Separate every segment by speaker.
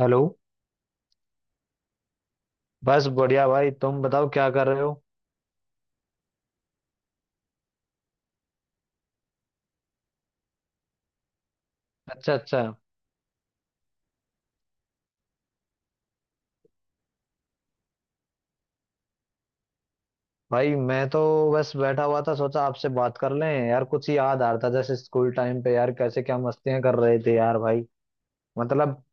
Speaker 1: Hello. बस बढ़िया भाई, तुम बताओ क्या कर रहे हो? अच्छा अच्छा। भाई मैं तो बस बैठा हुआ था, सोचा आपसे बात कर लें यार। कुछ याद आ रहा था, जैसे स्कूल टाइम पे यार, कैसे क्या मस्तियां कर रहे थे यार भाई। मतलब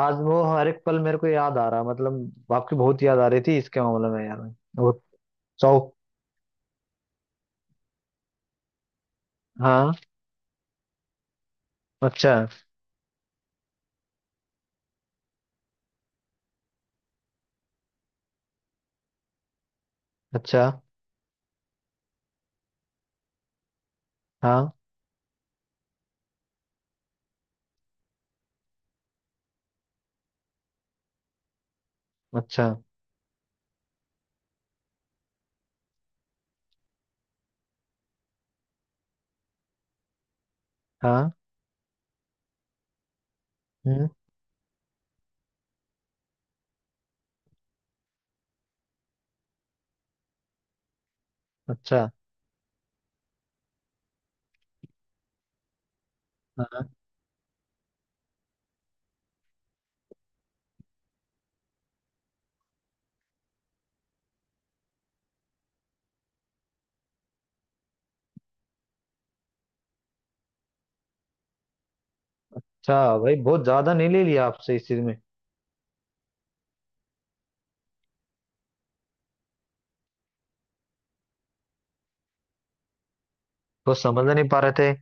Speaker 1: आज वो हर एक पल मेरे को याद आ रहा, मतलब आपकी बहुत याद आ रही थी इसके मामले में यार। वो। सौ। हाँ। अच्छा अच्छा। हाँ। अच्छा। हाँ। हम्म। अच्छा। हाँ। अच्छा भाई, बहुत ज्यादा नहीं ले लिया आपसे इस चीज में। कुछ समझ नहीं पा रहे थे।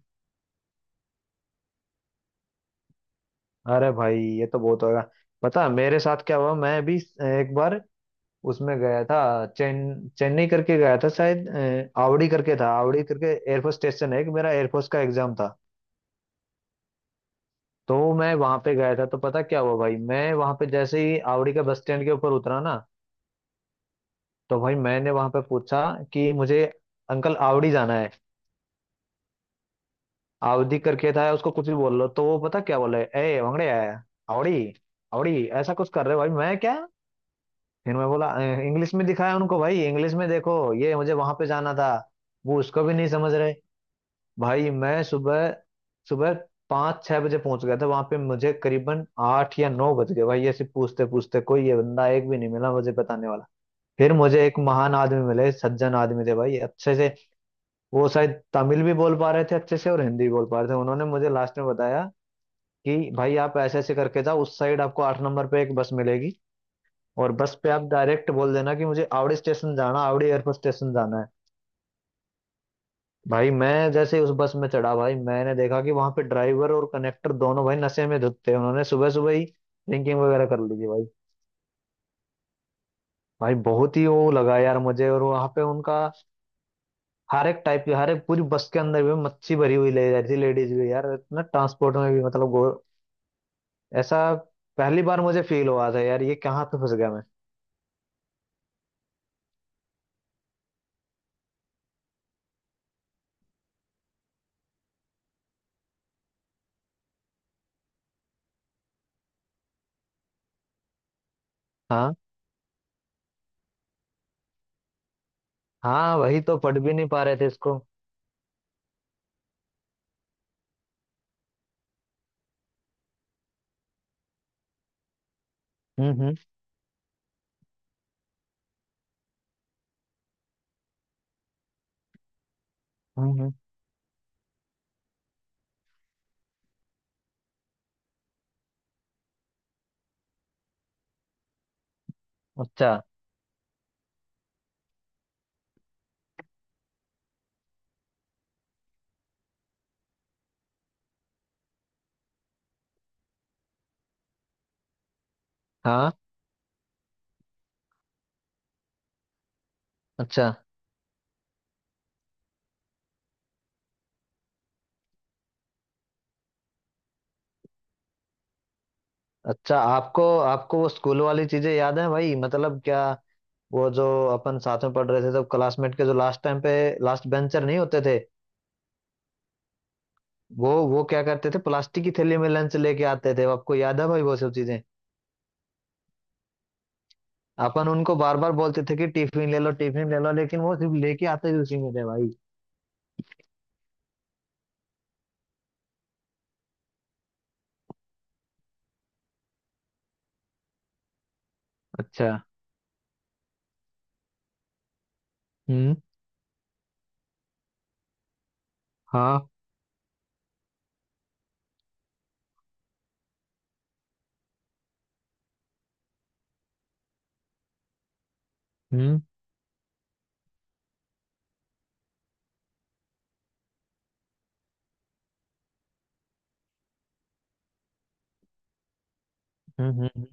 Speaker 1: अरे भाई, ये तो बहुत होगा। पता है, मेरे साथ क्या हुआ? मैं भी एक बार उसमें गया था। चेन्नई करके गया था, शायद आवड़ी करके था, आवड़ी करके। एयरफोर्स स्टेशन है कि मेरा एयरफोर्स का एग्जाम था। तो मैं वहां पे गया था, तो पता क्या हुआ भाई, मैं वहां पे जैसे ही आवड़ी के बस स्टैंड के ऊपर उतरा ना, तो भाई मैंने वहां पे पूछा कि मुझे, अंकल आवड़ी जाना है। आवड़ी करके था, उसको कुछ भी बोल लो, तो वो पता क्या बोले, ए वंगड़े आया आवड़ी। आवड़ी ऐसा कुछ कर रहे हो भाई, मैं क्या, फिर मैं बोला, इंग्लिश में दिखाया उनको भाई, इंग्लिश में देखो ये मुझे वहां पे जाना था। वो उसको भी नहीं समझ रहे। भाई मैं सुबह सुबह 5 6 बजे पहुंच गया था वहां पे, मुझे करीबन 8 या 9 बज गए भाई, ऐसे पूछते पूछते कोई ये बंदा एक भी नहीं मिला मुझे बताने वाला। फिर मुझे एक महान आदमी मिले, सज्जन आदमी थे भाई, अच्छे से वो शायद तमिल भी बोल पा रहे थे अच्छे से और हिंदी भी बोल पा रहे थे। उन्होंने मुझे लास्ट में बताया कि भाई आप ऐसे ऐसे करके जाओ उस साइड, आपको 8 नंबर पे एक बस मिलेगी। और बस पे आप डायरेक्ट बोल देना कि मुझे आवड़ी स्टेशन जाना, आवड़ी एयरफोर्स स्टेशन जाना है। भाई मैं जैसे ही उस बस में चढ़ा, भाई मैंने देखा कि वहां पे ड्राइवर और कनेक्टर दोनों भाई नशे में धुत थे, उन्होंने सुबह सुबह ही ड्रिंकिंग वगैरह कर ली थी भाई। भाई बहुत ही वो लगा यार मुझे, और वहां पे उनका हर एक टाइप की, हर एक पूरी बस के अंदर भी मच्छी भरी हुई ले जा रही थी, लेडीज भी यार, इतना ट्रांसपोर्ट में भी मतलब ऐसा पहली बार मुझे फील हुआ था यार, ये कहाँ पे फंस गया मैं। हाँ हाँ, वही तो पढ़ भी नहीं पा रहे थे इसको। हम्म हम्म हम्म हम्म। अच्छा। हाँ। अच्छा अच्छा। आपको आपको वो स्कूल वाली चीजें याद हैं भाई, मतलब क्या, वो जो अपन साथ में पढ़ रहे थे तब क्लासमेट के, जो लास्ट टाइम पे लास्ट बेंचर नहीं होते थे, वो क्या करते थे, प्लास्टिक की थैली में लंच लेके आते थे, आपको याद है भाई वो सब चीजें? अपन उनको बार बार बोलते थे कि टिफिन ले लो टिफिन ले लो, लेकिन वो सिर्फ लेके आते ही उसी में थे भाई। अच्छा। हम्म। हाँ। हम्म हम्म हम्म हम्म।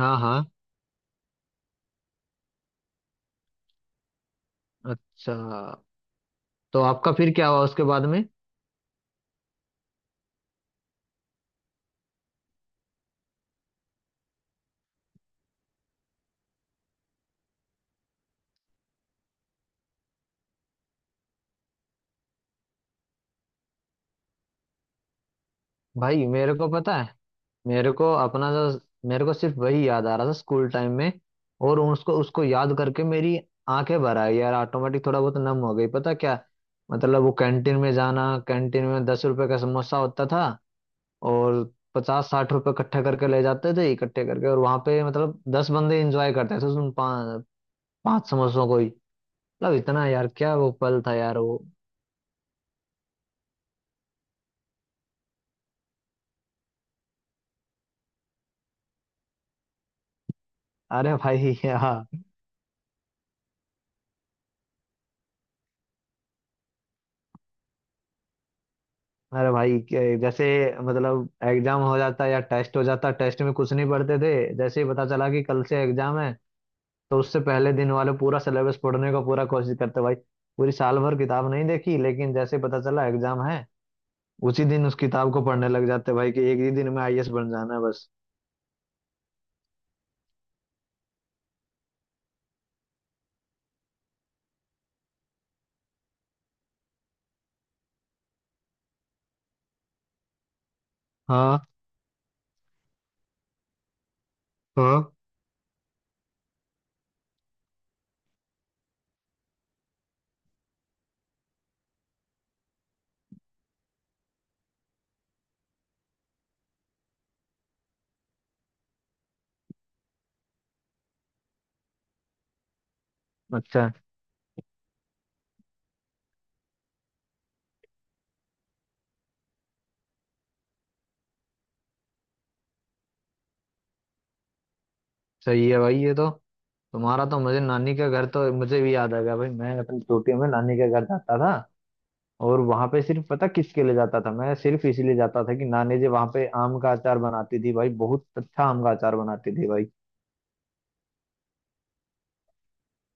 Speaker 1: हाँ हाँ। अच्छा, तो आपका फिर क्या हुआ उसके बाद में? भाई मेरे को पता है, मेरे को अपना जो मेरे को सिर्फ वही याद आ रहा था स्कूल टाइम में, और उसको उसको याद करके मेरी आंखें भर आई यार, ऑटोमेटिक थोड़ा बहुत नम हो गई, पता क्या। मतलब वो कैंटीन में जाना, कैंटीन में 10 रुपए का समोसा होता था, और 50 60 रुपए इकट्ठे करके ले जाते थे इकट्ठे करके, और वहां पे मतलब 10 बंदे एंजॉय करते थे उन 5 5 समोसों को ही। मतलब इतना यार, क्या वो पल था यार वो। अरे भाई यार। अरे भाई जैसे, मतलब एग्जाम हो जाता या टेस्ट हो जाता, टेस्ट में कुछ नहीं पढ़ते थे। जैसे ही पता चला कि कल से एग्जाम है, तो उससे पहले दिन वाले पूरा सिलेबस पढ़ने का पूरा कोशिश करते भाई। पूरी साल भर किताब नहीं देखी, लेकिन जैसे ही पता चला एग्जाम है, उसी दिन उस किताब को पढ़ने लग जाते भाई कि एक ही दिन में आईएएस बन जाना है बस। हाँ हाँ। अच्छा, सही है भाई ये तो। तुम्हारा तो, मुझे नानी का घर तो मुझे भी याद आ गया भाई, मैं अपनी छोटी में नानी के घर जाता था। और वहां पे सिर्फ पता किसके लिए जाता था मैं? सिर्फ इसीलिए जाता था कि नानी जी वहां पे आम का अचार बनाती थी भाई, बहुत अच्छा आम का अचार बनाती थी भाई।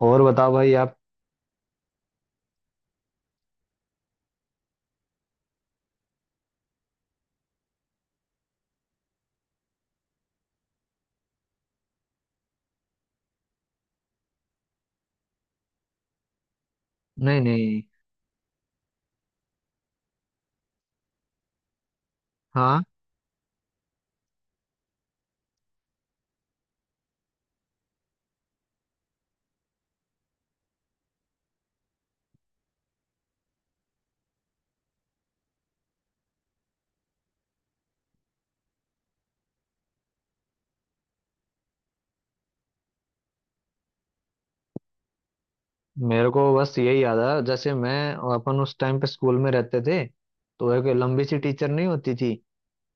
Speaker 1: और बताओ भाई आप। नहीं नहीं। हाँ। मेरे को बस यही याद आया, जैसे मैं, अपन उस टाइम पे स्कूल में रहते थे, तो एक लंबी सी टीचर नहीं होती थी,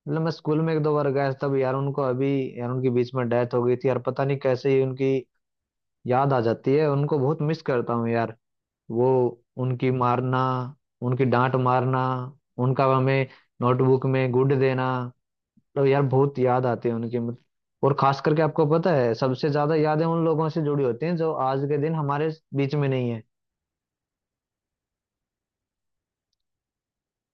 Speaker 1: मतलब मैं स्कूल में एक दो बार गया तब यार उनको अभी, यार उनकी बीच में डेथ हो गई थी यार, पता नहीं कैसे ही उनकी याद आ जाती है, उनको बहुत मिस करता हूँ यार, वो उनकी मारना, उनकी डांट मारना, उनका हमें नोटबुक में गुड देना, तो यार बहुत याद आती है उनकी और खास करके आपको पता है, सबसे ज्यादा यादें उन लोगों से जुड़ी होती हैं जो आज के दिन हमारे बीच में नहीं है,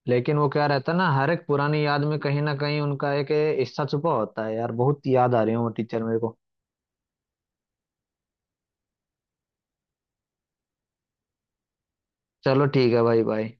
Speaker 1: लेकिन वो क्या रहता है ना, हर एक पुरानी याद में कहीं ना कहीं उनका एक हिस्सा छुपा होता है यार, बहुत याद आ रही है वो टीचर मेरे को। चलो ठीक है भाई भाई।